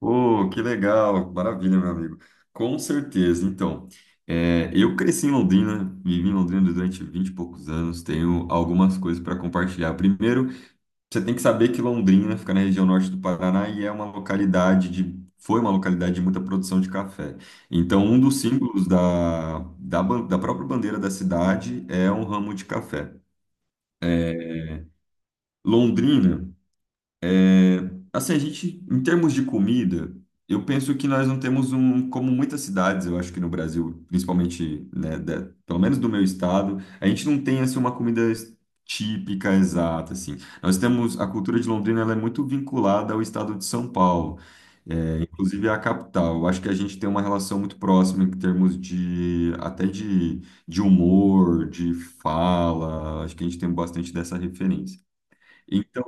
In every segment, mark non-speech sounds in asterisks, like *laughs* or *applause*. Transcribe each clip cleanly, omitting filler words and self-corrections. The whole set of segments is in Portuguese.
Oh, que legal, maravilha, meu amigo. Com certeza. Então, eu cresci em Londrina, vivi em Londrina durante 20 e poucos anos, tenho algumas coisas para compartilhar. Primeiro, você tem que saber que Londrina fica na região norte do Paraná e é uma localidade de, foi uma localidade de muita produção de café. Então, um dos símbolos da própria bandeira da cidade é um ramo de café. Londrina. Assim, a gente, em termos de comida, eu penso que nós não temos um, como muitas cidades, eu acho que no Brasil, principalmente, né, pelo menos do meu estado, a gente não tem, assim, uma comida típica, exata, assim. Nós temos, a cultura de Londrina, ela é muito vinculada ao estado de São Paulo, inclusive à capital. Eu acho que a gente tem uma relação muito próxima em termos de, até de humor, de fala, acho que a gente tem bastante dessa referência. Então,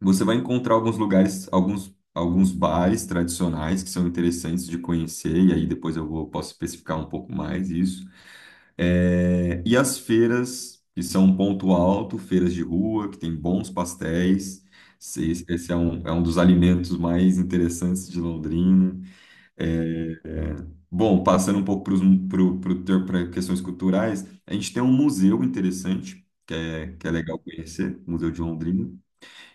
você vai encontrar alguns lugares, alguns bares tradicionais que são interessantes de conhecer, e aí depois eu vou, posso especificar um pouco mais isso. E as feiras, que são um ponto alto, feiras de rua, que tem bons pastéis. Esse é um dos alimentos mais interessantes de Londrina. É, Bom, passando um pouco para questões culturais, a gente tem um museu interessante, que é legal conhecer, o Museu de Londrina.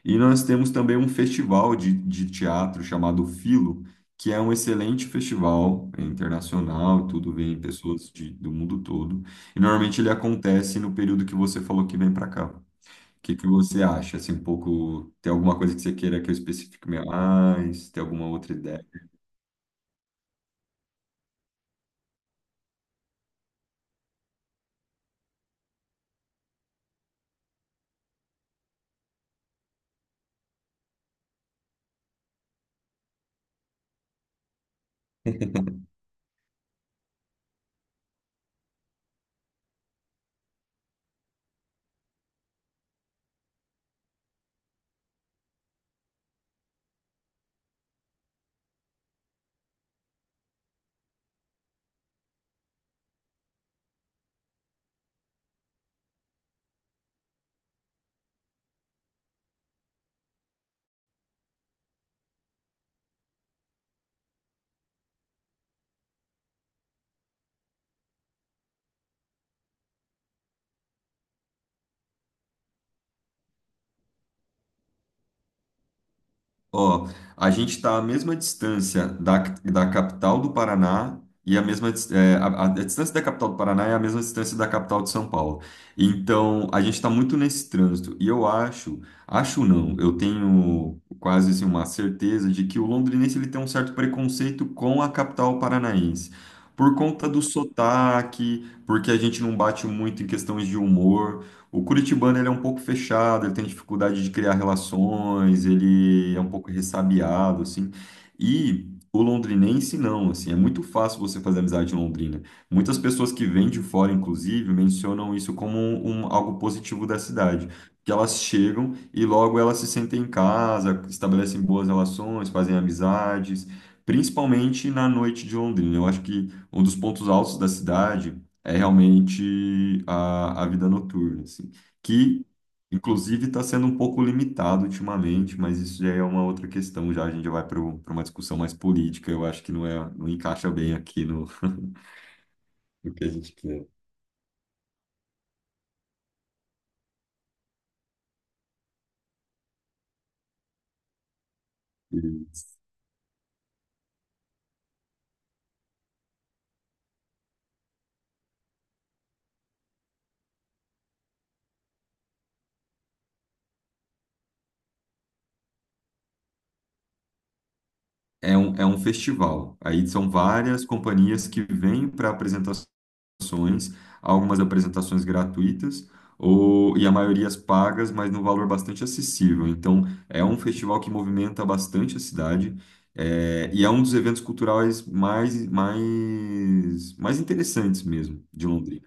E nós temos também um festival de teatro chamado Filo, que é um excelente festival é internacional, tudo vem pessoas do mundo todo. E normalmente ele acontece no período que você falou que vem para cá. O que que você acha? Assim, um pouco, tem alguma coisa que você queira que eu especifique mais? Tem alguma outra ideia? *laughs* Ó, a gente está à mesma distância da capital do Paraná e a mesma a distância da capital do Paraná é a mesma distância da capital de São Paulo. Então, a gente está muito nesse trânsito. E eu acho, acho não, eu tenho quase assim, uma certeza de que o londrinense ele tem um certo preconceito com a capital paranaense. Por conta do sotaque, porque a gente não bate muito em questões de humor. O curitibano ele é um pouco fechado, ele tem dificuldade de criar relações, ele é um pouco ressabiado, assim. E o londrinense não, assim, é muito fácil você fazer amizade em Londrina. Muitas pessoas que vêm de fora, inclusive, mencionam isso como um, algo positivo da cidade. Que elas chegam e logo elas se sentem em casa, estabelecem boas relações, fazem amizades, principalmente na noite de Londrina. Eu acho que um dos pontos altos da cidade é realmente a vida noturna, assim, que inclusive está sendo um pouco limitado ultimamente, mas isso já é uma outra questão, já a gente já vai para uma discussão mais política, eu acho que não é, não encaixa bem aqui *laughs* no que a gente quer. É um festival, aí são várias companhias que vêm para apresentações ações, algumas apresentações gratuitas ou e a maioria as pagas, mas num valor bastante acessível. Então, é um festival que movimenta bastante a cidade. E é um dos eventos culturais mais interessantes mesmo de Londrina.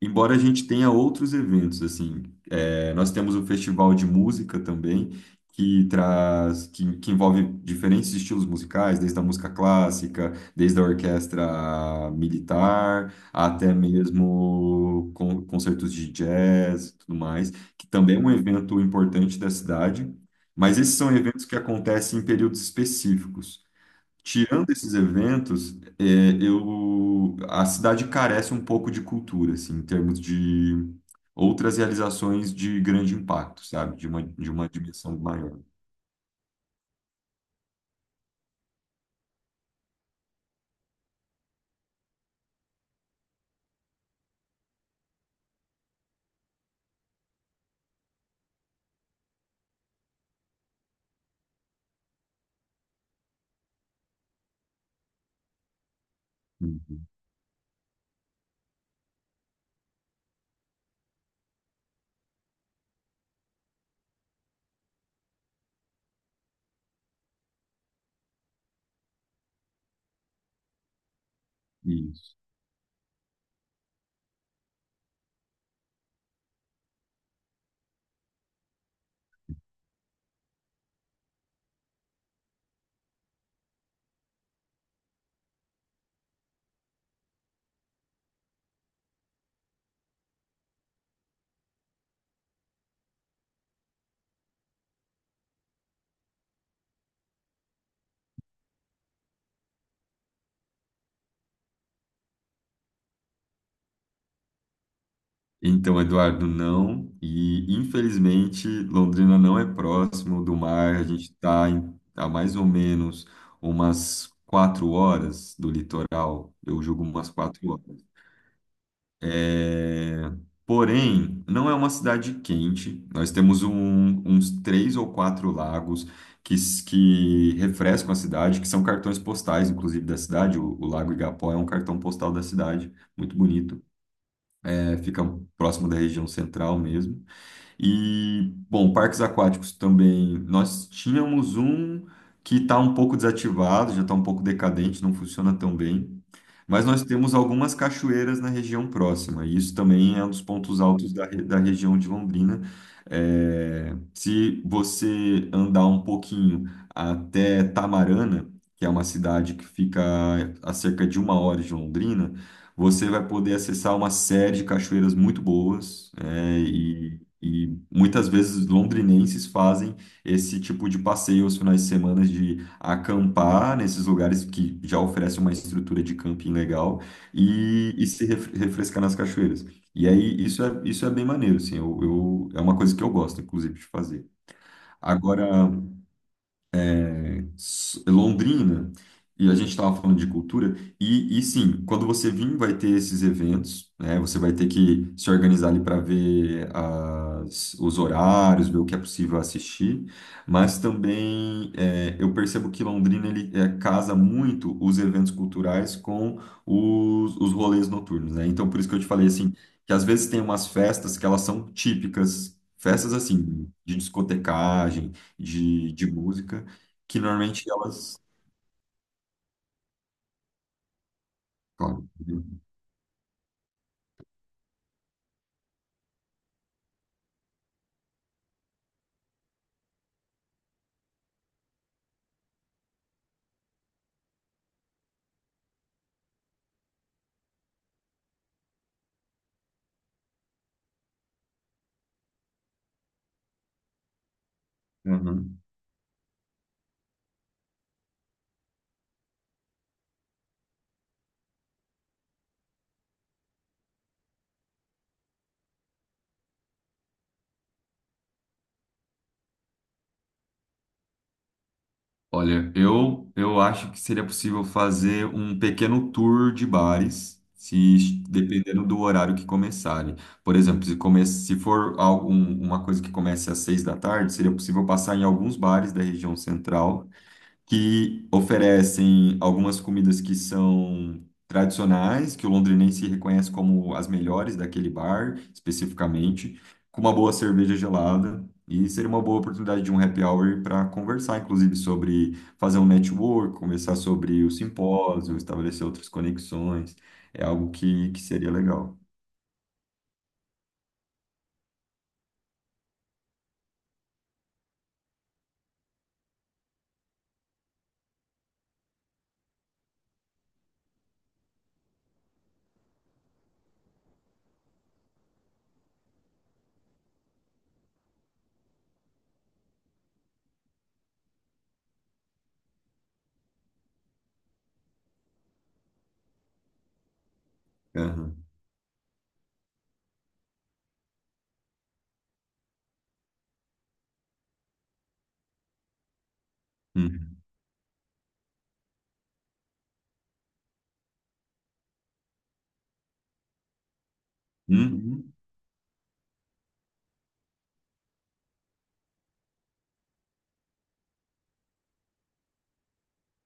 Embora a gente tenha outros eventos, assim, nós temos o festival de música também, que que envolve diferentes estilos musicais, desde a música clássica, desde a orquestra militar, até mesmo concertos de jazz, e tudo mais, que também é um evento importante da cidade, mas esses são eventos que acontecem em períodos específicos. Tirando esses eventos, a cidade carece um pouco de cultura, assim, em termos de outras realizações de grande impacto, sabe? De uma dimensão maior. Uhum. Isso. Então, Eduardo, não. E, infelizmente, Londrina não é próximo do mar. A gente está a mais ou menos umas 4 horas do litoral. Eu julgo umas 4 horas. É, Porém, não é uma cidade quente. Nós temos uns três ou quatro lagos que refrescam a cidade, que são cartões postais, inclusive, da cidade. O Lago Igapó é um cartão postal da cidade, muito bonito. Fica próximo da região central mesmo. E, bom, parques aquáticos também. Nós tínhamos um que está um pouco desativado, já está um pouco decadente, não funciona tão bem. Mas nós temos algumas cachoeiras na região próxima, e isso também é um dos pontos altos da região de Londrina. Se você andar um pouquinho até Tamarana, que é uma cidade que fica a cerca de 1 hora de Londrina, você vai poder acessar uma série de cachoeiras muito boas, e muitas vezes londrinenses fazem esse tipo de passeio aos finais de semana de acampar nesses lugares que já oferecem uma estrutura de camping legal e se refrescar nas cachoeiras. E aí isso é bem maneiro, assim, é uma coisa que eu gosto, inclusive, de fazer. Agora, Londrina, e a gente estava falando de cultura, e sim, quando você vir, vai ter esses eventos, né? Você vai ter que se organizar ali para ver os horários, ver o que é possível assistir, mas também eu percebo que Londrina ele casa muito os eventos culturais com os rolês noturnos, né? Então, por isso que eu te falei assim, que às vezes tem umas festas que elas são típicas. Festas assim, de discotecagem, de música, que normalmente elas. Claro. Uhum. Olha, eu acho que seria possível fazer um pequeno tour de bares, se es- dependendo do horário que começarem. Por exemplo, se for uma coisa que comece às 6 da tarde, seria possível passar em alguns bares da região central que oferecem algumas comidas que são tradicionais, que o londrinense reconhece como as melhores daquele bar, especificamente, com uma boa cerveja gelada. E seria uma boa oportunidade de um happy hour para conversar, inclusive, sobre fazer um network, conversar sobre o simpósio, estabelecer outras conexões. É algo que seria legal. Aham. Uhum. Uhum.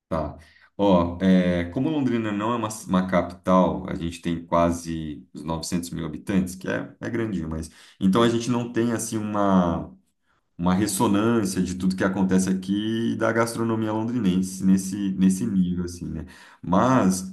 Tá. Ó, como Londrina não é uma capital, a gente tem quase os 900 mil habitantes, que é grandinho, mas... Então, a gente não tem, assim, uma ressonância de tudo que acontece aqui e da gastronomia londrinense nesse nível, assim, né? Mas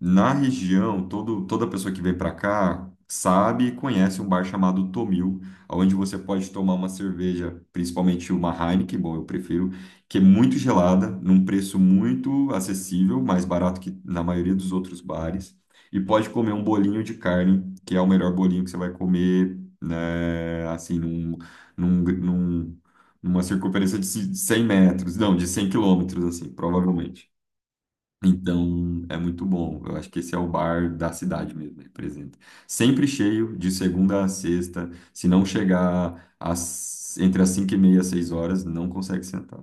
na região, toda pessoa que vem para cá sabe e conhece um bar chamado Tomil, onde você pode tomar uma cerveja, principalmente uma Heineken, bom, eu prefiro, que é muito gelada, num preço muito acessível, mais barato que na maioria dos outros bares. E pode comer um bolinho de carne, que é o melhor bolinho que você vai comer, né, assim, num, num- numa circunferência de 100 metros, não, de 100 quilômetros, assim, provavelmente. Então, é muito bom. Eu acho que esse é o bar da cidade mesmo, representa. Sempre cheio, de segunda a sexta. Se não chegar entre as 5:30 e 6 horas, não consegue sentar.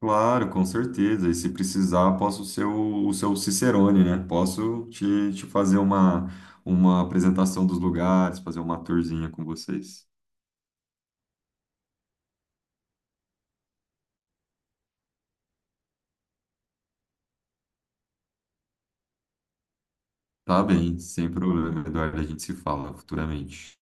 Claro, com certeza. E se precisar, posso ser o seu Cicerone, né? Posso te fazer uma apresentação dos lugares, fazer uma tourzinha com vocês. Tá bem, sem problema, Eduardo. A gente se fala futuramente.